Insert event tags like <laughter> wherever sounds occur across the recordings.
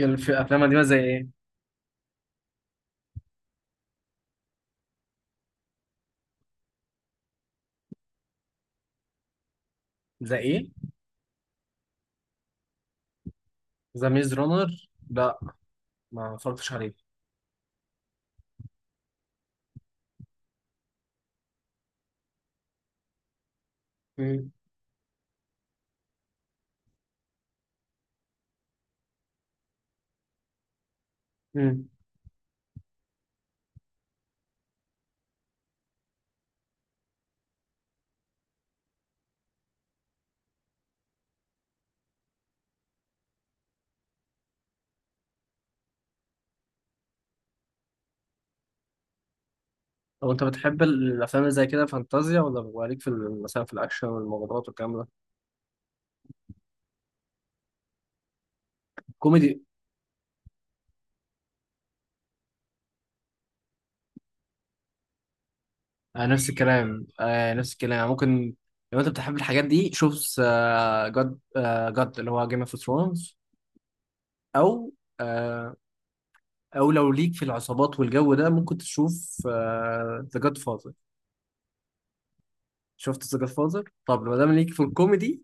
الافلام القديمه زي ايه؟ زي ايه؟ ذا ميز رونر. لا، ما اتفرجتش عليه. مم. مم. لو انت بتحب الافلام اللي زي كده فانتازيا، ولا بيبقى ليك في مثلا في الاكشن والمغامرات والكلام ده؟ كوميدي؟ آه نفس الكلام، آه نفس الكلام يعني ممكن. لو انت بتحب الحاجات دي شوف جاد، جاد اللي هو جيم اوف ثرونز. او آه او لو ليك في العصابات والجو ده ممكن تشوف ذا جاد فازر. شفت ذا جاد فازر؟ طب ما دام ليك في الكوميدي،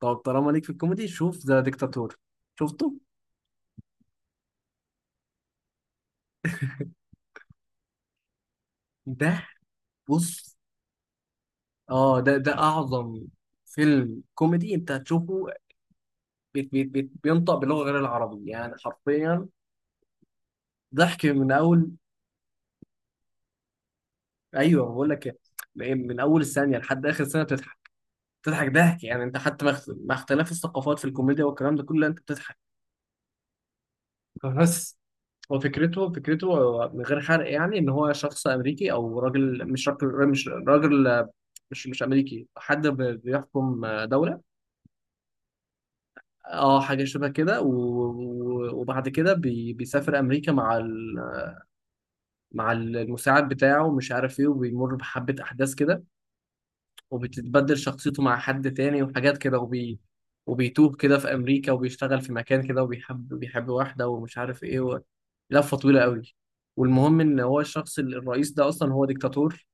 طب طالما ليك في الكوميدي شوف ذا ديكتاتور. شفته؟ ده، بص، اه ده، ده اعظم فيلم كوميدي انت هتشوفه. بيت بينطق باللغه غير العربي يعني حرفيا. ضحك من اول. ايوه بقول لك إيه، من اول الثانيه لحد اخر ثانيه بتضحك. بتضحك ضحك، يعني انت حتى مع مع اختلاف الثقافات في الكوميديا والكلام ده كله انت بتضحك. بس هو فكرته هو من غير حرق، يعني ان هو شخص امريكي، او راجل، مش راجل، مش راجل، مش امريكي، حد بيحكم دوله. اه حاجه شبه كده، وبعد كده بيسافر امريكا مع مع المساعد بتاعه ومش عارف ايه وبيمر بحبه احداث كده، وبتتبدل شخصيته مع حد تاني وحاجات كده، وبيتوه كده في أمريكا وبيشتغل في مكان كده وبيحب واحدة ومش عارف إيه و... لفة طويلة قوي. والمهم إن هو الشخص الرئيس ده أصلا هو ديكتاتور.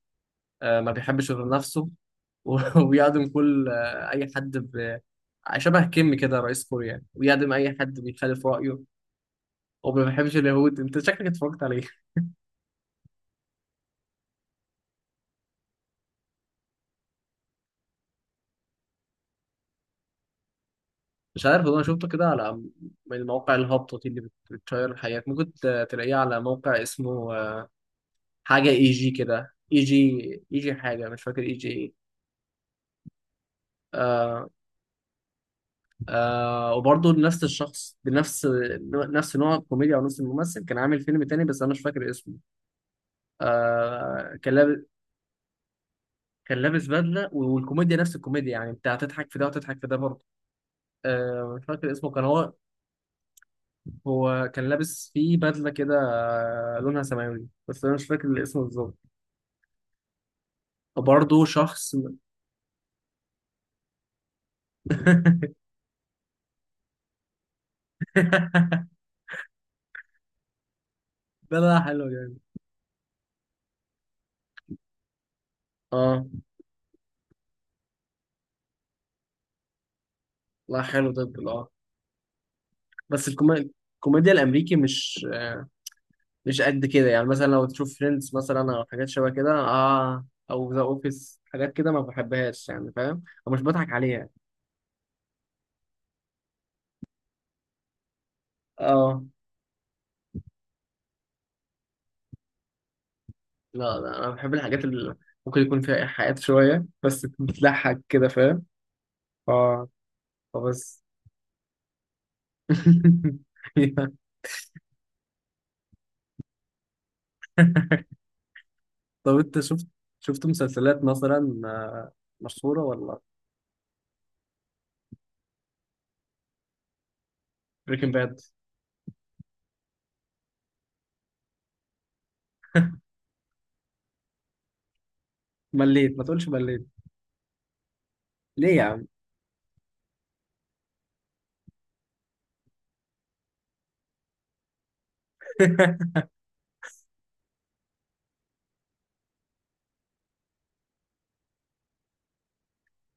ما بيحبش غير نفسه. <laughs> و- ويعدم كل أي حد ب... شبه كيم كده رئيس كوريا يعني، ويعدم أي حد بيخالف رأيه. وما بيحبش اليهود. أنت شكلك اتفرجت عليه. <laughs> مش عارف والله، أنا شفته كده على، من مواقع الهبطة دي اللي بتشير الحياة، ممكن تلاقيه على موقع اسمه حاجة اي جي كده، اي جي، اي جي حاجة، مش فاكر اي جي ايه. آه. آه وبرضه نفس الشخص بنفس، نفس نوع الكوميديا، او نفس الممثل كان عامل فيلم تاني بس انا مش فاكر اسمه. آه كان لابس، كان لابس بدله والكوميديا نفس الكوميديا، يعني انت هتضحك في ده وهتضحك في ده برضه. آه مش فاكر اسمه كان هو، هو كان لابس فيه بدله كده آه لونها سماوي، بس انا مش فاكر الاسم بالظبط. وبرضه شخص. <laughs> بدله حلوه يعني. اه. لا حلو ده. اه. بس الكوميديا الامريكي مش مش قد كده، يعني مثلا لو تشوف فريندز مثلا او حاجات شبه كده، اه، او ذا اوفيس حاجات كده ما بحبهاش، يعني فاهم، ومش بضحك عليها. اه. لا، لا انا بحب الحاجات اللي ممكن يكون فيها ايحاءات شويه بس بتضحك كده، فاهم. اه. فبس. <laughs> طب انت شفت، شفت مسلسلات مثلا مشهوره ولا؟ بريكنج باد. مليت؟ ما تقولش مليت. ليه يا عم؟ <laughs>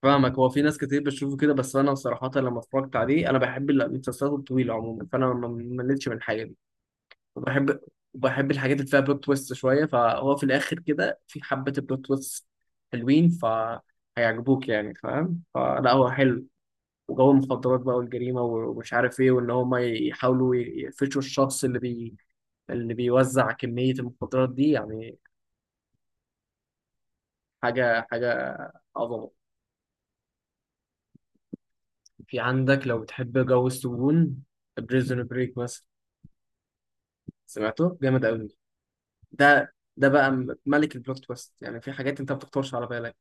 فاهمك، هو في ناس كتير بتشوفه كده بس انا صراحة لما اتفرجت عليه انا بحب المسلسلات الطويلة عموما، فانا ما مليتش من الحاجة دي. وبحب، وبحب الحاجات اللي فيها بلوت تويست شوية، فهو في الاخر كده في حبة بلوت تويست حلوين فهيعجبوك يعني، فاهم. فلا هو حلو. وجو المخدرات بقى والجريمة ومش عارف ايه، وان هم يحاولوا يقفشوا الشخص اللي اللي بيوزع كمية المخدرات دي يعني. حاجة، حاجة عظمة. في عندك، لو بتحب جو السجون، بريزون بريك مثلا. سمعته. جامد قوي. ده، ده بقى ملك البلوت تويست، يعني في حاجات انت ما بتخطرش على بالك.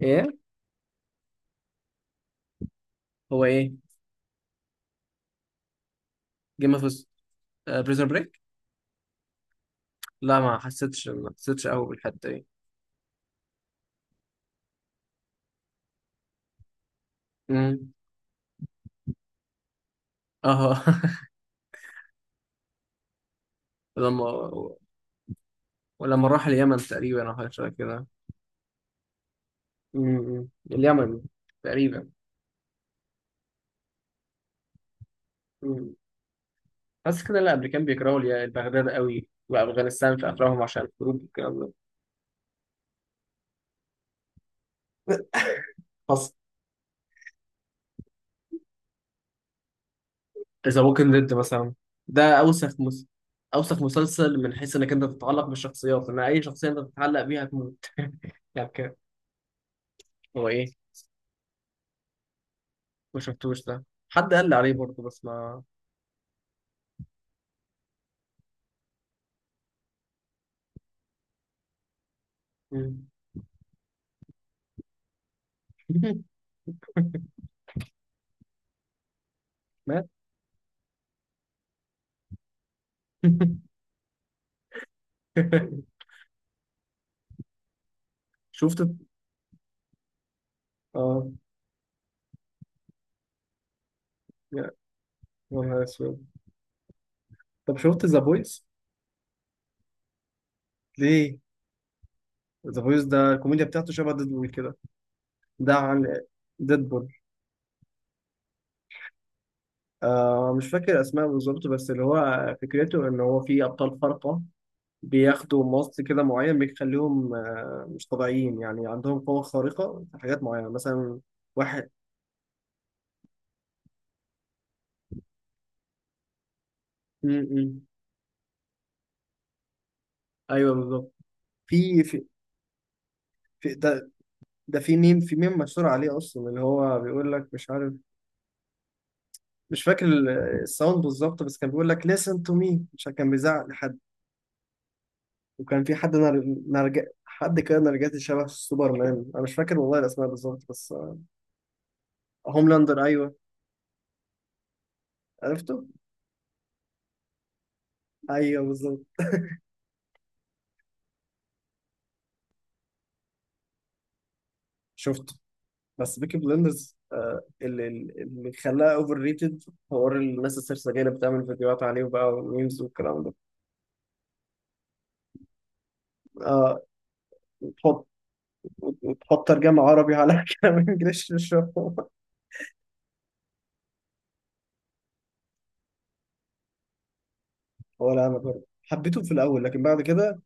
ايه. هو ايه؟ جيم اوف. بريزون بريك. لا، ما حسيتش، ما حسيتش قوي بالحته دي. امم. اه. <laughs> لما، ولما راح اليمن تقريبا او حاجه شبه كده. امم. اليمن تقريبا. امم. حاسس كده. لا، الامريكان بيكرهوا بغداد قوي وافغانستان في افراحهم عشان الحروب والكلام ده. <laughs> حصل. ذا ووكينج ديد مثلا. ده اوسخ مس... اوسخ مسلسل من حيث انك انت تتعلق بالشخصيات، ان اي شخصيه انت بتتعلق بيها هتموت. <laughs> يعني كده. هو ايه؟ ما شفتوش ده. حد قال لي عليه برضه بس ما. مم. <laughs> مات. <laughs> شفت. اه. يا، يا نهار اسود. طب شفت ذا بويز؟ ليه؟ ذا بويز ده الكوميديا بتاعته شبه ديدبول كده. ده عن. ديدبول. آه مش فاكر اسماء بالظبط، بس اللي هو فكرته ان هو في ابطال خارقة بياخدوا ماست كده معين بيخليهم مش طبيعيين، يعني عندهم قوة خارقة في حاجات معينة مثلا. واحد. م -م. أيوه بالظبط. في، في. في ده. ده في ميم، في ميم مشهور عليه أصلا اللي هو بيقول لك مش عارف، مش فاكر الساوند بالظبط، بس كان بيقول لك listen to me عشان كان بيزعق لحد. وكان في حد نر... نرج... حد كده نرجسي شبه سوبرمان، أنا مش فاكر والله الأسماء بالظبط بس. هوملاندر، أيوه. عرفته؟ أيوه بالظبط. شفته. بس بيكي بلندرز اللي خلاها اوفر ريتد حوار الناس السرسجيه اللي بتعمل فيديوهات عليه بقى وميمز والكلام ده. آه. تحط، وتحط ترجمه عربي على <laughs> كلام انجلش مش فاهم. ولا انا برضه حبيته في الاول لكن بعد كده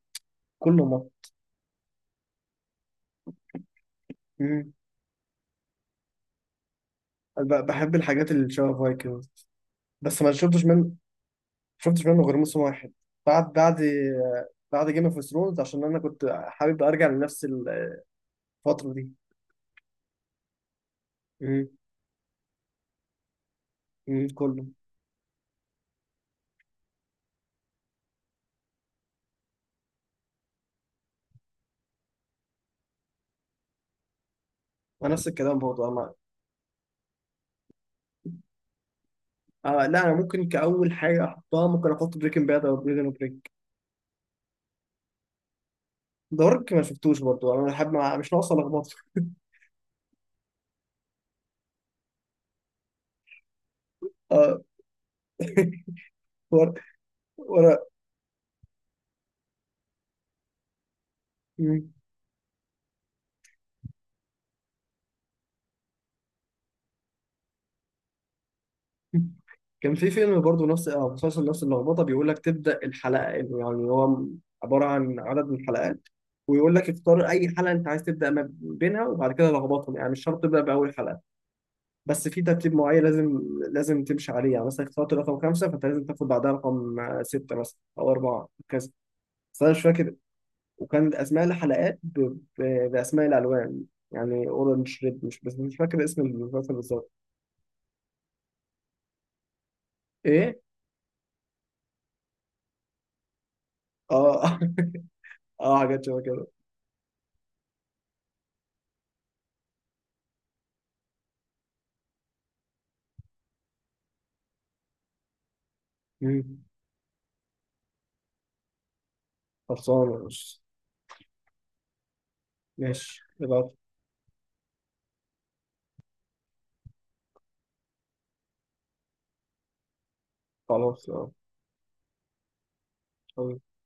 كله مط. مم. أنا بحب الحاجات اللي شبه فايكنجز بس ما شفتش منه، شفتش منه غير موسم 1، بعد جيم اوف ثرونز عشان انا كنت حابب ارجع لنفس الفتره دي. مم. مم. كله. ونفس الكلام برضه. آه لا انا ممكن كاول حاجه احطها ممكن احط بريكنج باد او بريزون بريك. دارك ما شفتوش برضو، انا حابب مش ناقصه لخبطه. اه. <laughs> ورا، ورا. مم. كان في فيلم برضو نفس آه مسلسل نفس اللخبطه، بيقول لك تبدا الحلقه، يعني هو عباره عن عدد من الحلقات، ويقول لك اختار اي حلقه انت عايز تبدا ما بينها، وبعد كده لخبطهم، يعني مش شرط تبدا باول حلقه، بس في ترتيب معين لازم، لازم تمشي عليه. يعني مثلا اخترت رقم 5، فانت لازم تاخد بعدها رقم سته مثلا او اربعه وكذا، بس انا مش فاكر. وكان اسماء الحلقات ب... ب... باسماء الالوان، يعني اورنج ريد، مش بس مش فاكر اسم المسلسل بالظبط. ايه. اه. <laughs> اه حاجات شبه كده. مم. خلصانه ماشي. ماشي يبقى. خلاص. اه.